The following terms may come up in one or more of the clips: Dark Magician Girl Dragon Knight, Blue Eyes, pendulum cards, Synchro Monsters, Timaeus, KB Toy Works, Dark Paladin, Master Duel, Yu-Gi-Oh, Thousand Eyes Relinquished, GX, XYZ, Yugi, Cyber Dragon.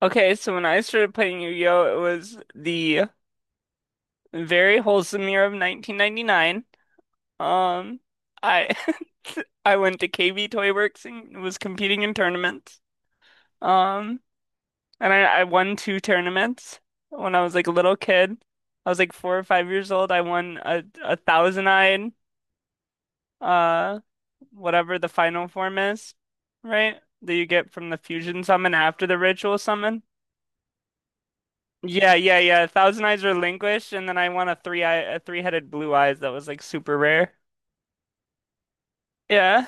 Okay, so when I started playing Yu-Gi-Oh, it was the very wholesome year of 1999. Um, I I went to KB Toy Works and was competing in tournaments. Um, and I won two tournaments when I was like a little kid. I was like 4 or 5 years old. I won a thousand-eyed, uh, whatever the final form is, right? That you get from the fusion summon after the ritual summon. Yeah, yeah, yeah. Thousand Eyes Relinquished, and then I won a three-headed blue eyes that was like super rare. Yeah.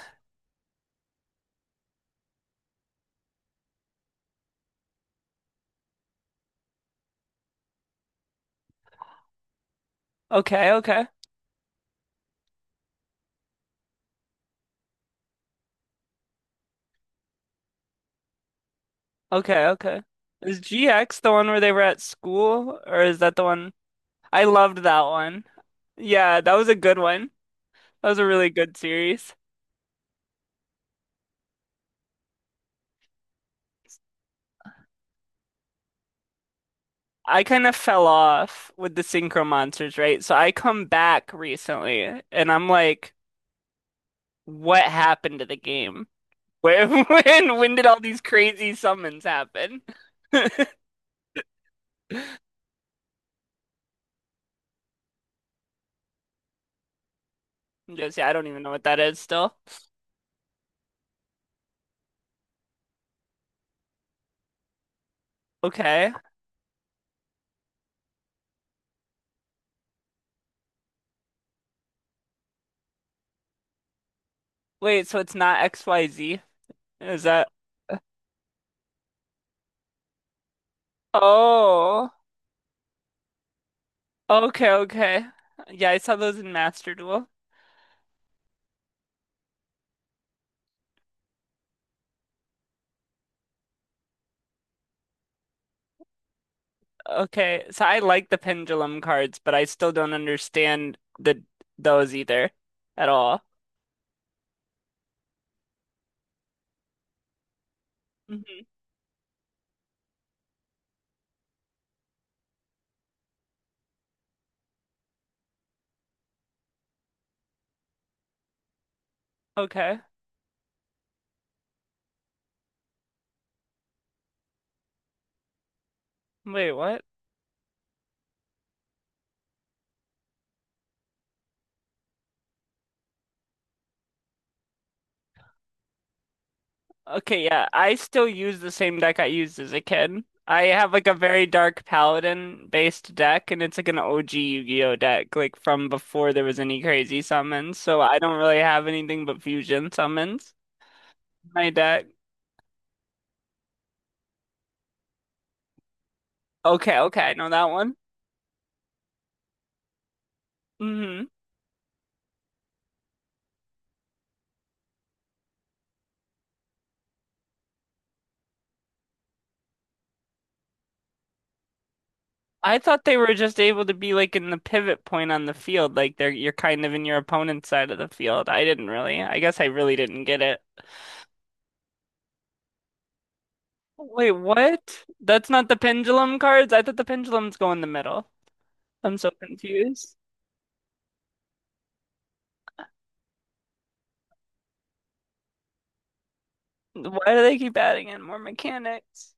Okay, okay. Okay, okay. Is GX the one where they were at school, or is that the one? I loved that one. Yeah, that was a good one. That was a really good series. I kind of fell off with the Synchro Monsters, right? So I come back recently, and I'm like, what happened to the game? Where, when did all these crazy summons happen? Just, yeah, I don't even know what that is still. Okay. Wait, so it's not XYZ? Is that? Oh. Okay, okay. Yeah, I saw those in Master Duel. Okay, so I like the pendulum cards, but I still don't understand the those either at all. Hmm. Okay. Wait, what? Okay, yeah, I still use the same deck I used as a kid. I have like a very dark paladin based deck, and it's like an OG Yu-Gi-Oh deck, like from before there was any crazy summons. So I don't really have anything but fusion summons in my deck. Okay, okay, I know that one. hmm I thought they were just able to be like in the pivot point on the field, like they're you're kind of in your opponent's side of the field. I didn't really. I guess I really didn't get it. Wait, what? That's not the pendulum cards? I thought the pendulums go in the middle. I'm so confused. Why do they keep adding in more mechanics?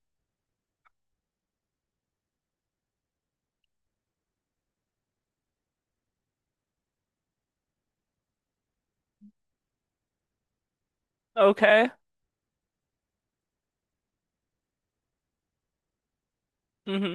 Okay. Hmm.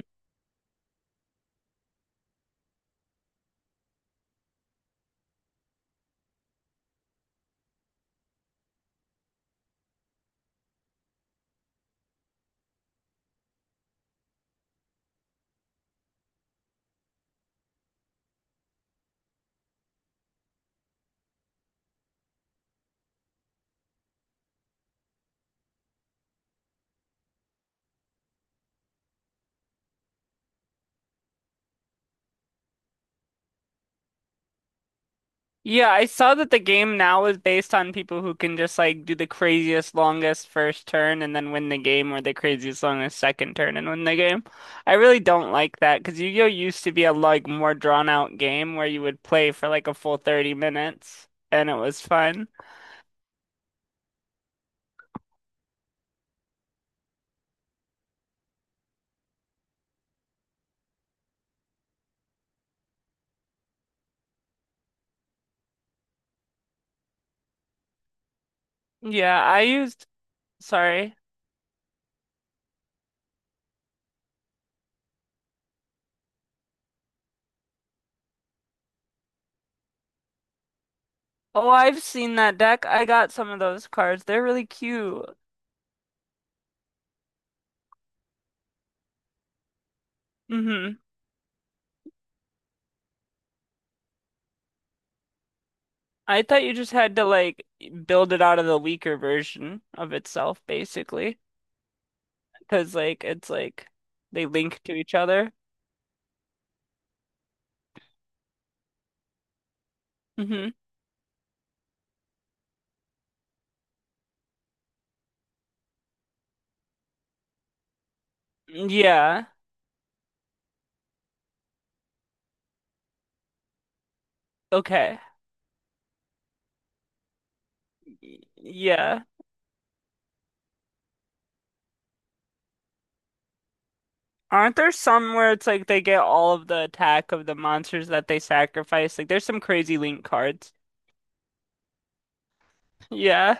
Yeah, I saw that the game now is based on people who can just like do the craziest longest first turn and then win the game, or the craziest longest second turn and win the game. I really don't like that because Yu-Gi-Oh used to be a like more drawn out game where you would play for like a full 30 minutes and it was fun. Yeah, I used. Sorry. Oh, I've seen that deck. I got some of those cards. They're really cute. hmm I thought you just had to like build it out of the weaker version of itself, basically, because like it's like they link to each other. Hmm. Yeah. Okay. Yeah. Aren't there some where it's like they get all of the attack of the monsters that they sacrifice? Like there's some crazy link cards. Yeah.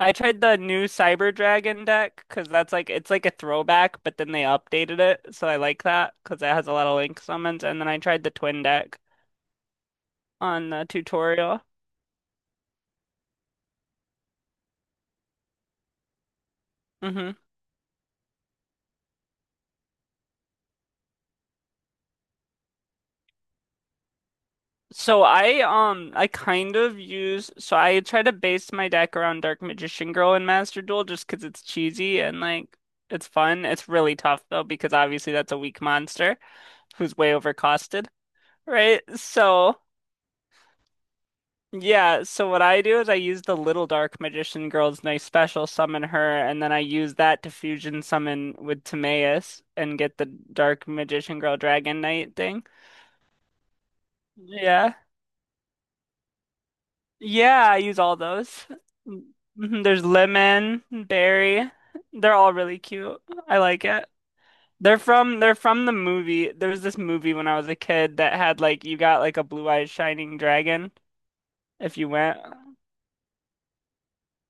I tried the new Cyber Dragon deck because that's like it's like a throwback, but then they updated it, so I like that because it has a lot of link summons. And then I tried the twin deck on the tutorial. hmm So I kind of use, so I try to base my deck around Dark Magician Girl and Master Duel just because it's cheesy and like it's fun. It's really tough though because obviously that's a weak monster who's way overcosted, right? So yeah, so what I do is I use the little Dark Magician Girl's nice special summon her, and then I use that to fusion summon with Timaeus and get the Dark Magician Girl Dragon Knight thing. Yeah. Yeah, I use all those. Mm, mhm. There's lemon, berry. They're all really cute. I like it. They're from the movie. There was this movie when I was a kid that had like you got like a blue-eyed shining dragon if you went.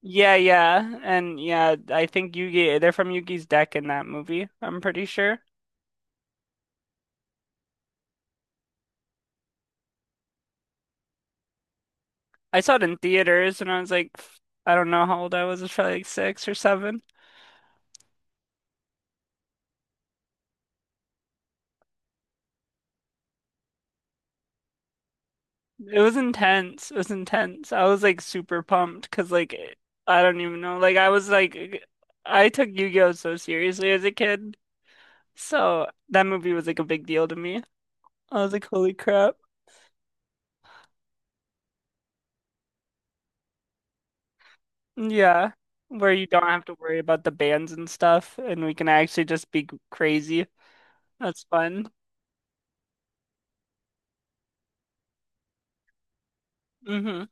Yeah, yeah. And yeah, I think Yugi they're from Yugi's deck in that movie. I'm pretty sure. I saw it in theaters, and I was like, I don't know how old I was. It was probably like 6 or 7. It was intense. It was intense. I was like super pumped because like I don't even know. Like I was like I took Yu-Gi-Oh so seriously as a kid. So that movie was like a big deal to me. I was like, holy crap. Yeah. Where you don't have to worry about the bans and stuff and we can actually just be crazy. That's fun. hmm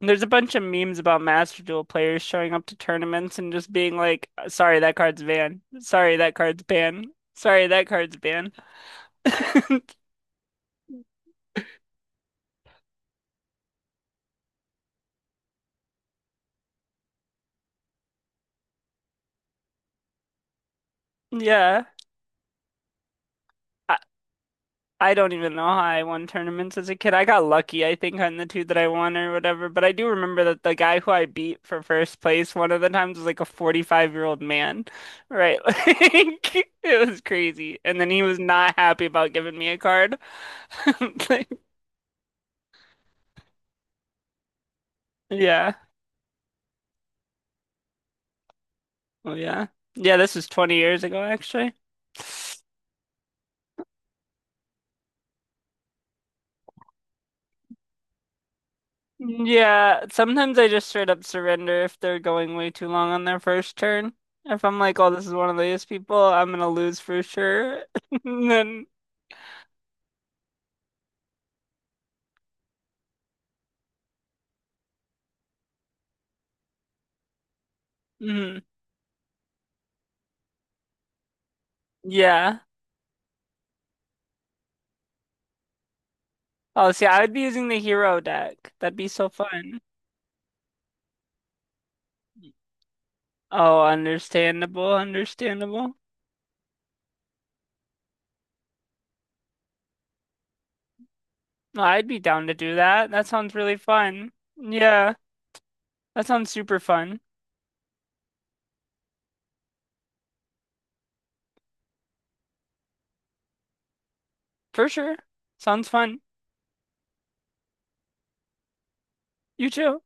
There's a bunch of memes about Master Duel players showing up to tournaments and just being like, sorry, that card's ban. Sorry, that card's ban. Sorry, that card's ban. Yeah. I, I don't even know how I won tournaments as a kid. I got lucky, I think, on the two that I won or whatever. But I do remember that the guy who I beat for first place one of the times was like a 45-year-old man, right? Like, it was crazy. And then he was not happy about giving me a card. Like, yeah. Well, yeah. Yeah, this was 20 years ago, actually. Yeah, sometimes I just straight up surrender if they're going way too long on their first turn. If I'm like, oh, this is one of these people, I'm gonna lose for sure. And then, mhm. Yeah. Oh, see, I would be using the hero deck. That'd be so fun. Oh, understandable, understandable. No, I'd be down to do that. That sounds really fun. Yeah, that sounds super fun. For sure. Sounds fun. You too.